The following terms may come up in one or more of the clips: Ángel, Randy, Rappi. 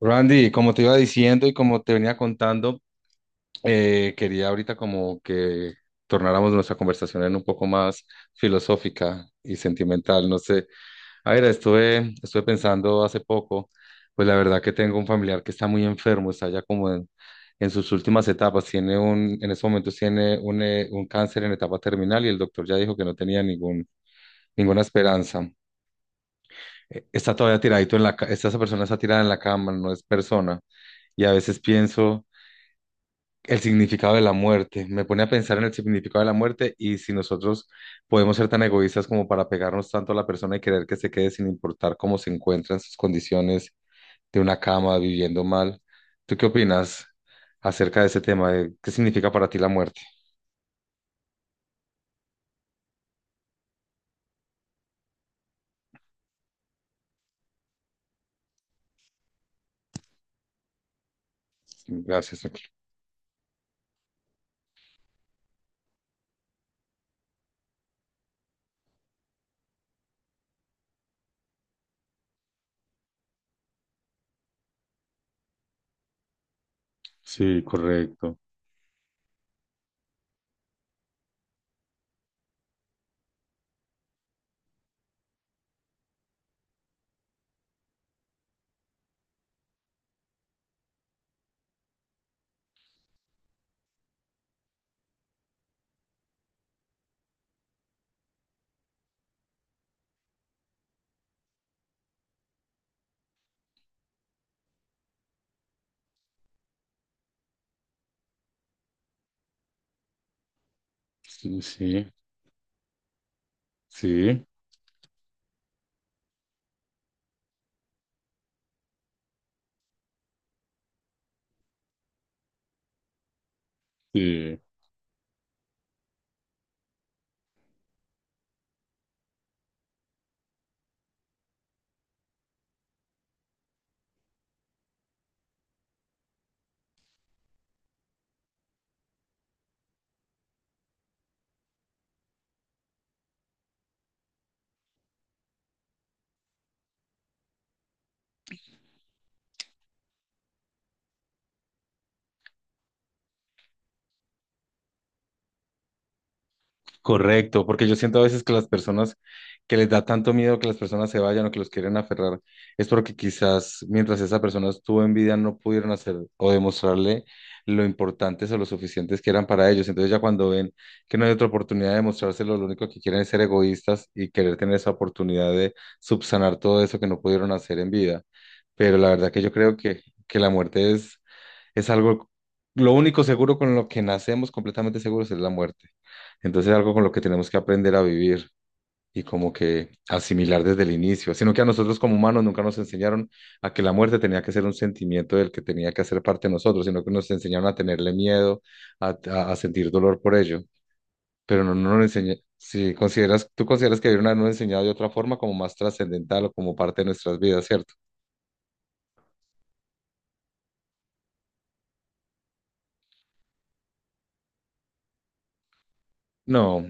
Randy, como te iba diciendo y como te venía contando, quería ahorita como que tornáramos nuestra conversación en un poco más filosófica y sentimental. No sé, a ver, estuve pensando hace poco, pues la verdad que tengo un familiar que está muy enfermo, está ya como en sus últimas etapas, tiene un, en estos momentos tiene un cáncer en etapa terminal y el doctor ya dijo que no tenía ninguna esperanza. Está todavía tiradito en esta esa persona está tirada en la cama, no es persona. Y a veces pienso. El significado de la muerte. Me pone a pensar en el significado de la muerte y si nosotros podemos ser tan egoístas como para pegarnos tanto a la persona y querer que se quede sin importar cómo se encuentra en sus condiciones de una cama, viviendo mal. ¿Tú qué opinas acerca de ese tema? De ¿Qué significa para ti la muerte? Gracias, Ángel. Sí, correcto. Sí, sí, sí, sí. Correcto, porque yo siento a veces que las personas que les da tanto miedo que las personas se vayan o que los quieren aferrar, es porque quizás mientras esa persona estuvo en vida no pudieron hacer o demostrarle lo importantes o lo suficientes que eran para ellos. Entonces ya cuando ven que no hay otra oportunidad de mostrárselo, lo único que quieren es ser egoístas y querer tener esa oportunidad de subsanar todo eso que no pudieron hacer en vida. Pero la verdad que yo creo que la muerte es algo, lo único seguro con lo que nacemos completamente seguros es la muerte. Entonces es algo con lo que tenemos que aprender a vivir y como que asimilar desde el inicio, sino que a nosotros como humanos nunca nos enseñaron a que la muerte tenía que ser un sentimiento del que tenía que hacer parte de nosotros, sino que nos enseñaron a tenerle miedo, a sentir dolor por ello, pero no, no nos enseña, si consideras, tú consideras que debieron habernos enseñado de otra forma como más trascendental o como parte de nuestras vidas, ¿cierto? No,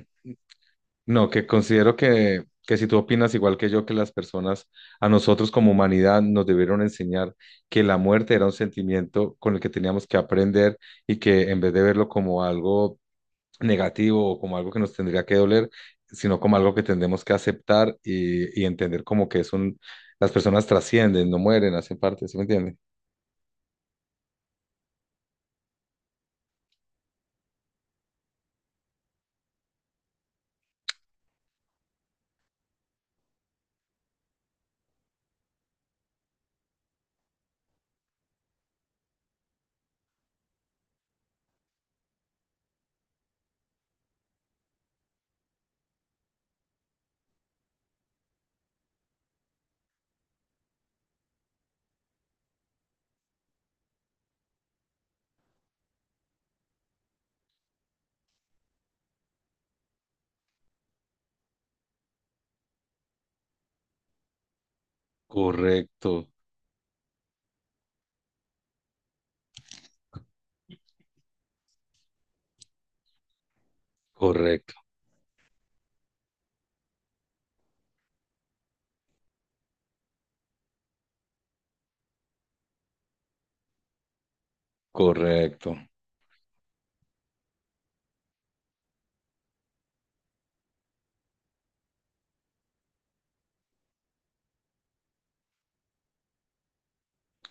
no, que considero que si tú opinas igual que yo, que las personas, a nosotros como humanidad nos debieron enseñar que la muerte era un sentimiento con el que teníamos que aprender y que en vez de verlo como algo negativo o como algo que nos tendría que doler, sino como algo que tendremos que aceptar y entender como que es un, las personas trascienden, no mueren, hacen parte, ¿sí me entiende? Correcto, correcto, correcto,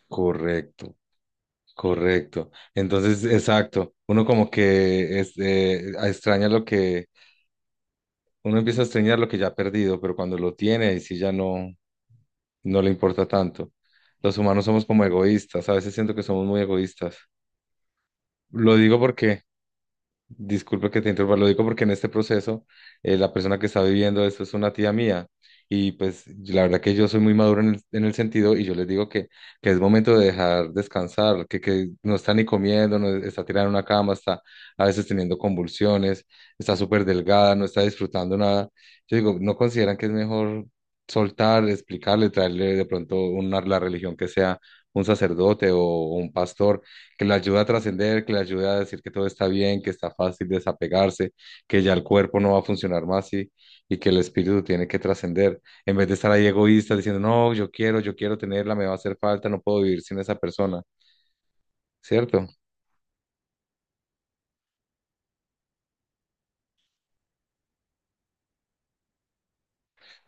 correcto. Correcto. Entonces, exacto. Uno como que este, extraña lo que, uno empieza a extrañar lo que ya ha perdido, pero cuando lo tiene, ahí sí ya no, no le importa tanto. Los humanos somos como egoístas, a veces siento que somos muy egoístas. Lo digo porque disculpe que te interrumpa, lo digo porque en este proceso la persona que está viviendo esto es una tía mía y pues yo- la verdad que yo soy muy maduro en en el sentido y yo les digo que es momento de dejar descansar, que no está ni comiendo, no está tirada en una cama, está a veces teniendo convulsiones, está súper delgada, no está disfrutando nada. Yo digo, ¿no consideran que es mejor soltar, explicarle, traerle de pronto una, la religión que sea un sacerdote o un pastor? Que le ayuda a trascender, que le ayuda a decir que todo está bien, que está fácil desapegarse, que ya el cuerpo no va a funcionar más y que el espíritu tiene que trascender. En vez de estar ahí egoísta diciendo, no, yo quiero tenerla, me va a hacer falta, no puedo vivir sin esa persona, ¿cierto?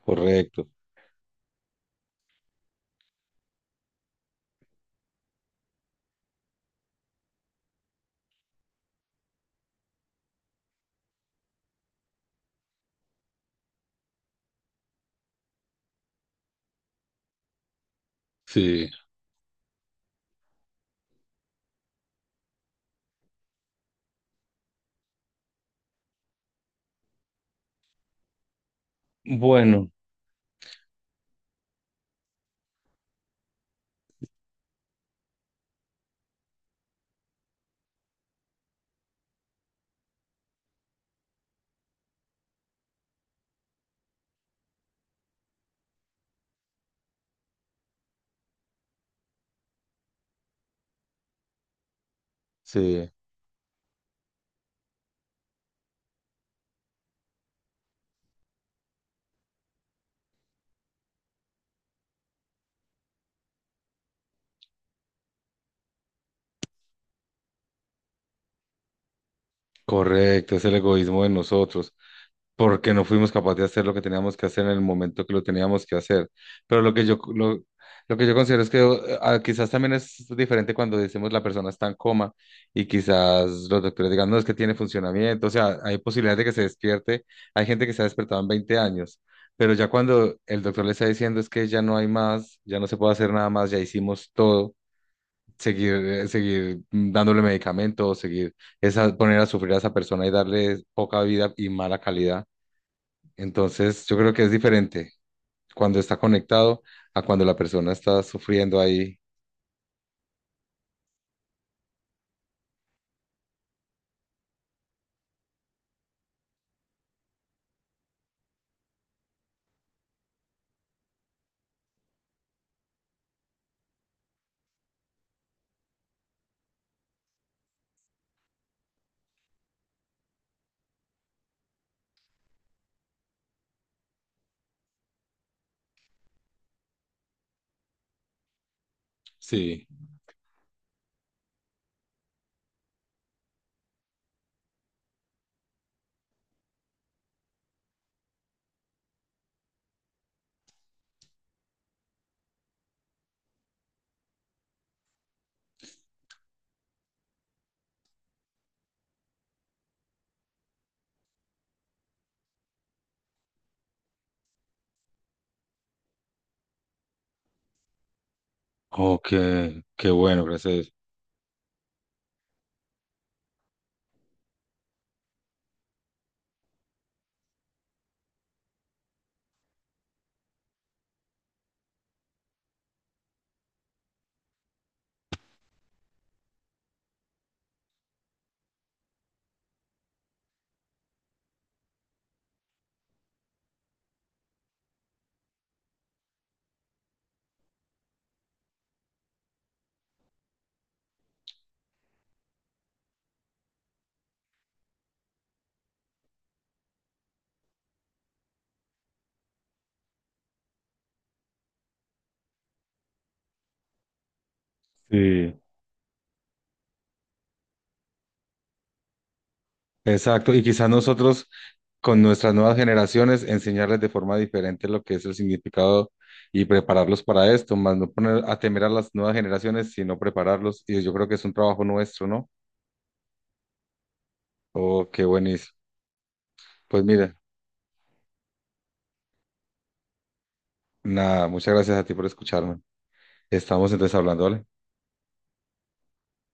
Correcto. Sí, bueno, sí. Correcto, es el egoísmo de nosotros, porque no fuimos capaces de hacer lo que teníamos que hacer en el momento que lo teníamos que hacer. Pero lo que yo considero es que quizás también es diferente cuando decimos la persona está en coma y quizás los doctores digan, no, es que tiene funcionamiento, o sea, hay posibilidad de que se despierte, hay gente que se ha despertado en 20 años, pero ya cuando el doctor le está diciendo es que ya no hay más, ya no se puede hacer nada más, ya hicimos todo seguir, seguir dándole medicamentos, seguir esa, poner a sufrir a esa persona y darle poca vida y mala calidad. Entonces, yo creo que es diferente cuando está conectado a cuando la persona está sufriendo ahí. Sí. Oh, qué, qué bueno, gracias. Sí. Exacto. Y quizás nosotros, con nuestras nuevas generaciones, enseñarles de forma diferente lo que es el significado y prepararlos para esto, más no poner a temer a las nuevas generaciones, sino prepararlos. Y yo creo que es un trabajo nuestro, ¿no? Oh, qué buenísimo. Pues mira, nada, muchas gracias a ti por escucharme. Estamos entonces hablando, ¿vale?